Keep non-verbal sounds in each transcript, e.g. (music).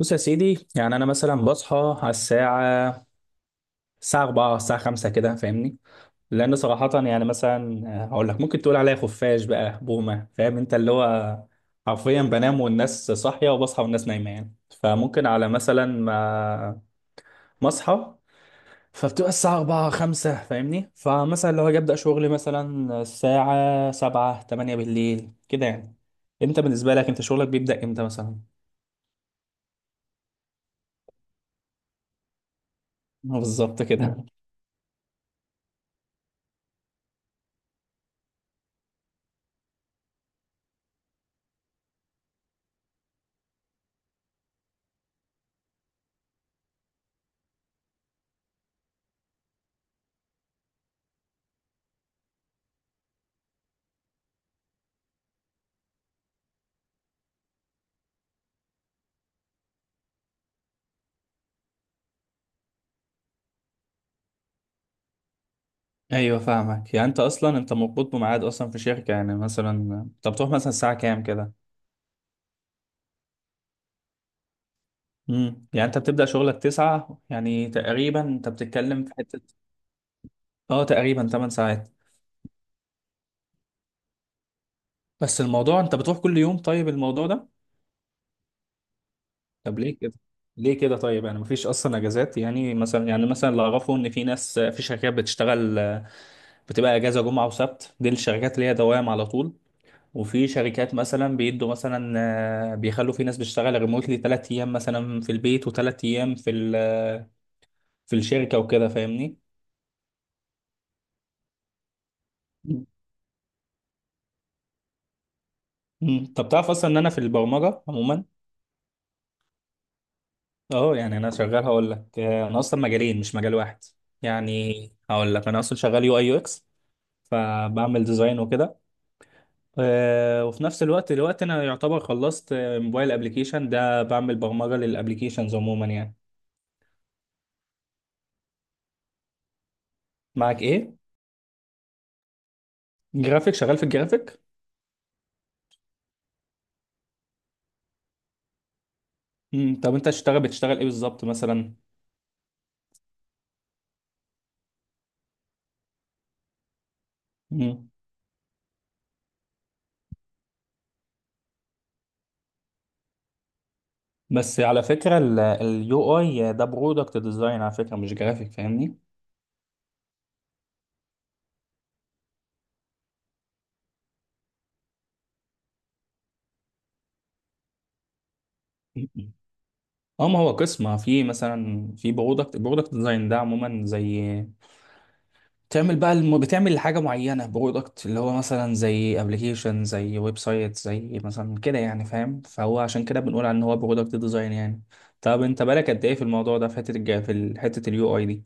بص يا سيدي، يعني انا مثلا بصحى على الساعه 4 الساعه 5 كده، فاهمني؟ لان صراحه يعني مثلا هقول لك ممكن تقول عليا خفاش بقى بومه، فاهم انت اللي هو حرفيا بنام والناس صاحيه وبصحى والناس نايمه يعني. فممكن على مثلا ما اصحى فبتبقى الساعه 4 5 فاهمني، فمثلا لو هاجي ابدا شغلي مثلا الساعه 7 8 بالليل كده يعني. انت بالنسبه لك انت شغلك بيبدا امتى مثلا؟ بالظبط كده. ايوه فاهمك، يعني انت اصلا انت مربوط بميعاد اصلا في شركه يعني مثلا. انت بتروح مثلا الساعه كام كده؟ يعني انت بتبدا شغلك 9، يعني تقريبا انت بتتكلم في حته. اه تقريبا 8 ساعات. بس الموضوع انت بتروح كل يوم؟ طيب الموضوع ده، طب ليه كده؟ ليه كده طيب، يعني مفيش اصلا اجازات؟ يعني مثلا يعني مثلا اللي اعرفه ان في ناس في شركات بتشتغل بتبقى اجازه جمعه وسبت، دي الشركات اللي هي دوام على طول. وفي شركات مثلا بيدوا مثلا بيخلوا في ناس بتشتغل ريموتلي ثلاث ايام مثلا في البيت وثلاث ايام في في الشركه وكده فاهمني. مم. طب تعرف اصلا ان انا في البرمجه عموما، اه يعني انا شغال، هقول لك انا اصلا مجالين مش مجال واحد يعني. هقول لك انا اصلا شغال يو اي يو اكس، فبعمل ديزاين وكده. وفي نفس الوقت دلوقتي انا يعتبر خلصت موبايل ابلكيشن، ده بعمل برمجه للابلكيشنز عموما يعني. معك ايه؟ جرافيك، شغال في الجرافيك. مم. طب انت تشتغل بتشتغل ايه بالظبط مثلا؟ مم. بس على فكرة اليو اي ده برودكت ديزاين على فكرة، مش جرافيك فاهمني. مم. اه، ما هو قسم في مثلا في برودكت ديزاين ده عموما. زي بتعمل بقى بتعمل حاجة معينة، برودكت اللي هو مثلا زي ابلكيشن زي ويب سايت زي مثلا كده يعني، فاهم؟ فهو عشان كده بنقول على ان هو برودكت ديزاين يعني. طب انت بالك قد ايه في الموضوع ده، في حتة في حتة اليو اي دي؟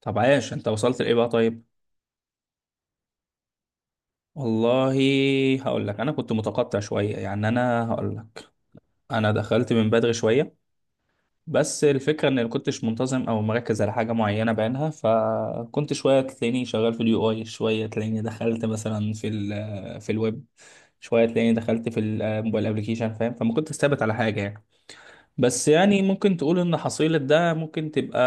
طب عايش، انت وصلت لايه بقى طيب؟ والله، هقول لك انا كنت متقطع شويه يعني، انا هقول لك انا دخلت من بدري شويه. بس الفكره ان كنتش منتظم او مركز على حاجه معينه بعينها، فكنت شويه تلاقيني شغال في اليو اي، شويه تلاقيني دخلت مثلا في في الويب، شويه تلاقيني دخلت في الموبايل ابلكيشن، فاهم؟ فما كنتش ثابت على حاجه يعني. بس يعني ممكن تقول ان حصيله ده ممكن تبقى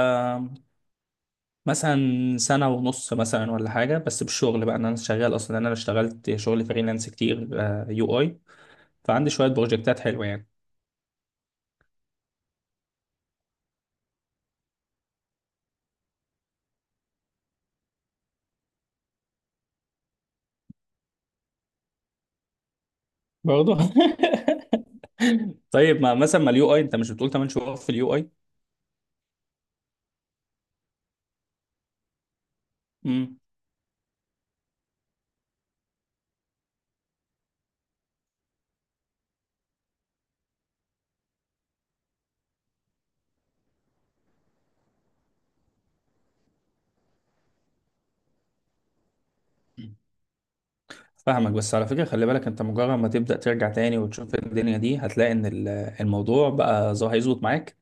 مثلا سنة ونص مثلا ولا حاجة. بس بالشغل بقى، إن أنا شغال أصلا أنا اشتغلت شغل فريلانس كتير يو أي، فعندي شوية بروجكتات حلوة يعني. برضه (laughs) طيب ما مثلا ما اليو اي انت مش بتقول 8 شهور في اليو اي؟ امم فاهمك. بس على فكرة خلي بالك، انت مجرد ما تبدأ ترجع تاني وتشوف الدنيا دي، هتلاقي ان الموضوع بقى هيظبط معاك.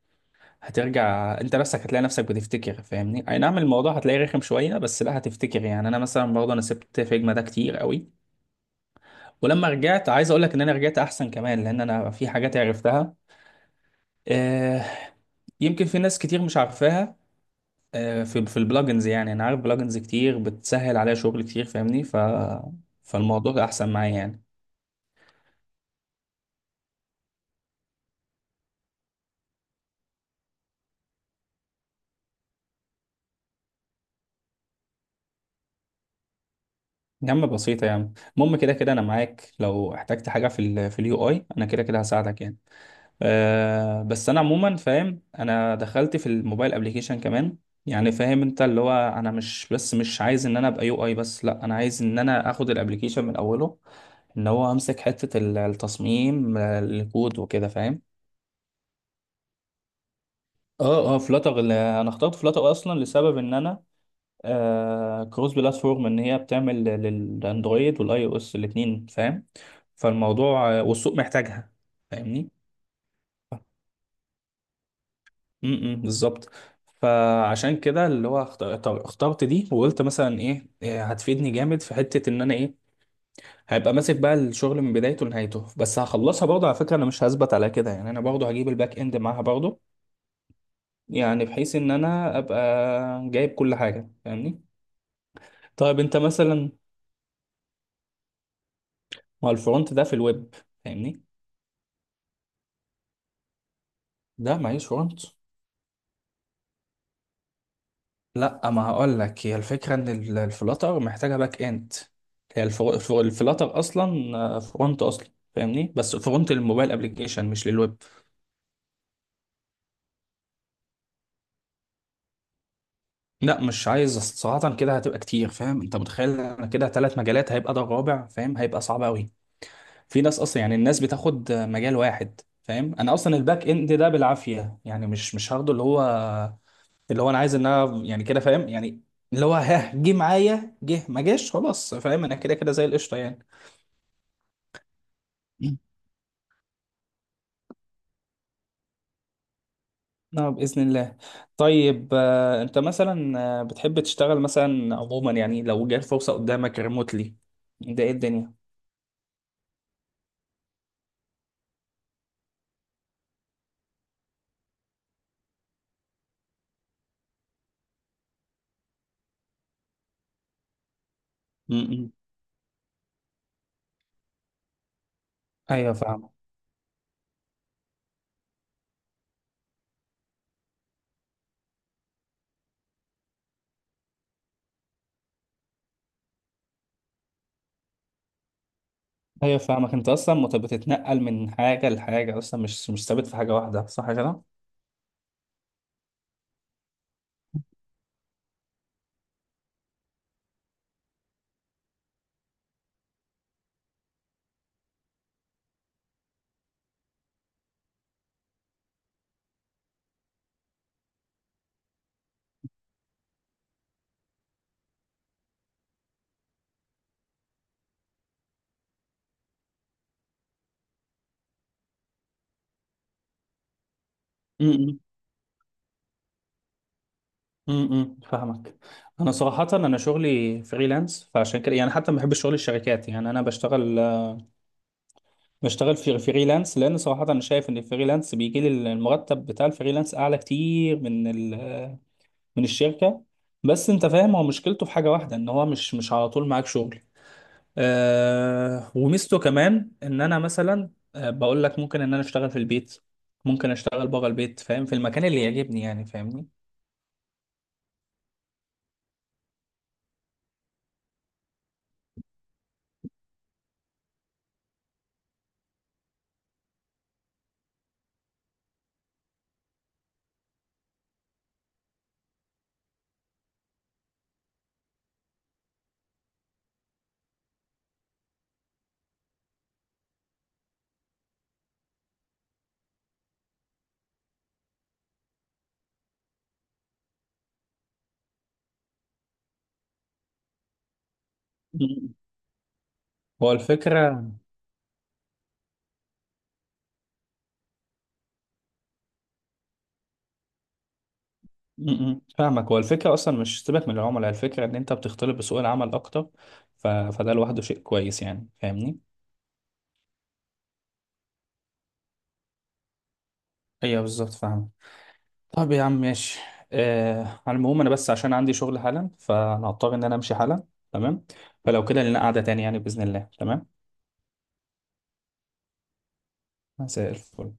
هترجع انت نفسك، هتلاقي نفسك بتفتكر فاهمني، اي نعم الموضوع هتلاقيه رخم شوية بس لا هتفتكر. يعني انا مثلا برضه انا سبت فيجما ده كتير قوي، ولما رجعت عايز اقول لك ان انا رجعت احسن كمان، لان انا في حاجات عرفتها. آه، يمكن في ناس كتير مش عارفاها. في في البلجنز يعني، انا عارف بلجنز كتير بتسهل عليا شغل كتير فاهمني. فالموضوع احسن معايا يعني. يا عم بسيطة يا عم، المهم كده كده انا معاك، لو احتجت حاجة في في اليو اي انا كده كده هساعدك يعني. أه بس انا عموما فاهم، انا دخلت في الموبايل ابليكيشن كمان يعني، فاهم انت اللي هو انا مش بس مش عايز ان انا ابقى يو اي بس، لا انا عايز ان انا اخد الابليكيشن من اوله، ان هو امسك حتة التصميم الكود وكده فاهم. اه اه، فلاتر. انا اخترت فلاتر اصلا لسبب ان انا كروس بلاتفورم، ان هي بتعمل للاندرويد والاي او اس الاثنين فاهم. فالموضوع والسوق محتاجها فاهمني. بالظبط. فعشان كده اللي هو اخترت دي، وقلت مثلا إيه هتفيدني جامد في حته ان انا ايه، هيبقى ماسك بقى الشغل من بدايته لنهايته. بس هخلصها برضه، على فكره انا مش هثبت على كده، يعني انا برضه هجيب الباك اند معاها برضه، يعني بحيث ان انا ابقى جايب كل حاجه فاهمني. طيب انت مثلا، ما هو الفرونت ده في الويب فاهمني. ده معيش فرونت. لا ما هقول لك، هي الفكره ان الفلاتر محتاجه باك اند. هي الفلاتر اصلا فرونت اصلا فاهمني، بس فرونت للموبايل ابلكيشن مش للويب. لا مش عايز صراحه، كده هتبقى كتير فاهم، انت متخيل انا كده ثلاث مجالات هيبقى ده الرابع؟ فاهم هيبقى صعب قوي. في ناس اصلا يعني الناس بتاخد مجال واحد فاهم، انا اصلا الباك اند ده بالعافيه يعني مش هاخده. اللي هو اللي هو انا عايز انها يعني كده فاهم يعني، اللي هو ها جه معايا جه، ما جاش خلاص فاهم، انا كده كده زي القشطه يعني. نعم بإذن الله. طيب أنت مثلا بتحب تشتغل مثلا عموما يعني لو جات فرصة قدامك ريموتلي، ده إيه الدنيا؟ م-م. أيوه فاهمك، أيوه فاهمك، أنت أصلا بتتنقل من حاجة لحاجة أصلا، مش ثابت في حاجة واحدة، صح كده؟ م-م. م-م. فاهمك. أنا صراحة أنا شغلي فريلانس، فعشان كده يعني حتى ما بحبش شغل الشركات يعني، أنا بشتغل في فريلانس، لان صراحه انا شايف ان الفريلانس بيجي لي المرتب بتاع الفريلانس اعلى كتير من من الشركه. بس انت فاهم، هو مشكلته في حاجه واحده ان هو مش على طول معاك شغل. وميزته كمان ان انا مثلا آه بقول لك، ممكن ان انا اشتغل في البيت ممكن اشتغل بره البيت فاهم، في المكان اللي يعجبني يعني فاهمني. م- هو الفكره. م- م. فاهمك. هو الفكره اصلا مش سيبك من العملاء، الفكره ان انت بتختلط بسوق العمل اكتر، فده لوحده شيء كويس يعني فاهمني. ايوه بالظبط فاهم. طب يا عم ماشي، على المهم انا بس عشان عندي شغل حالا، فانا هضطر ان انا امشي حالا، تمام؟ فلو كده لنا قعدة تاني يعني بإذن الله، تمام. مساء الفل.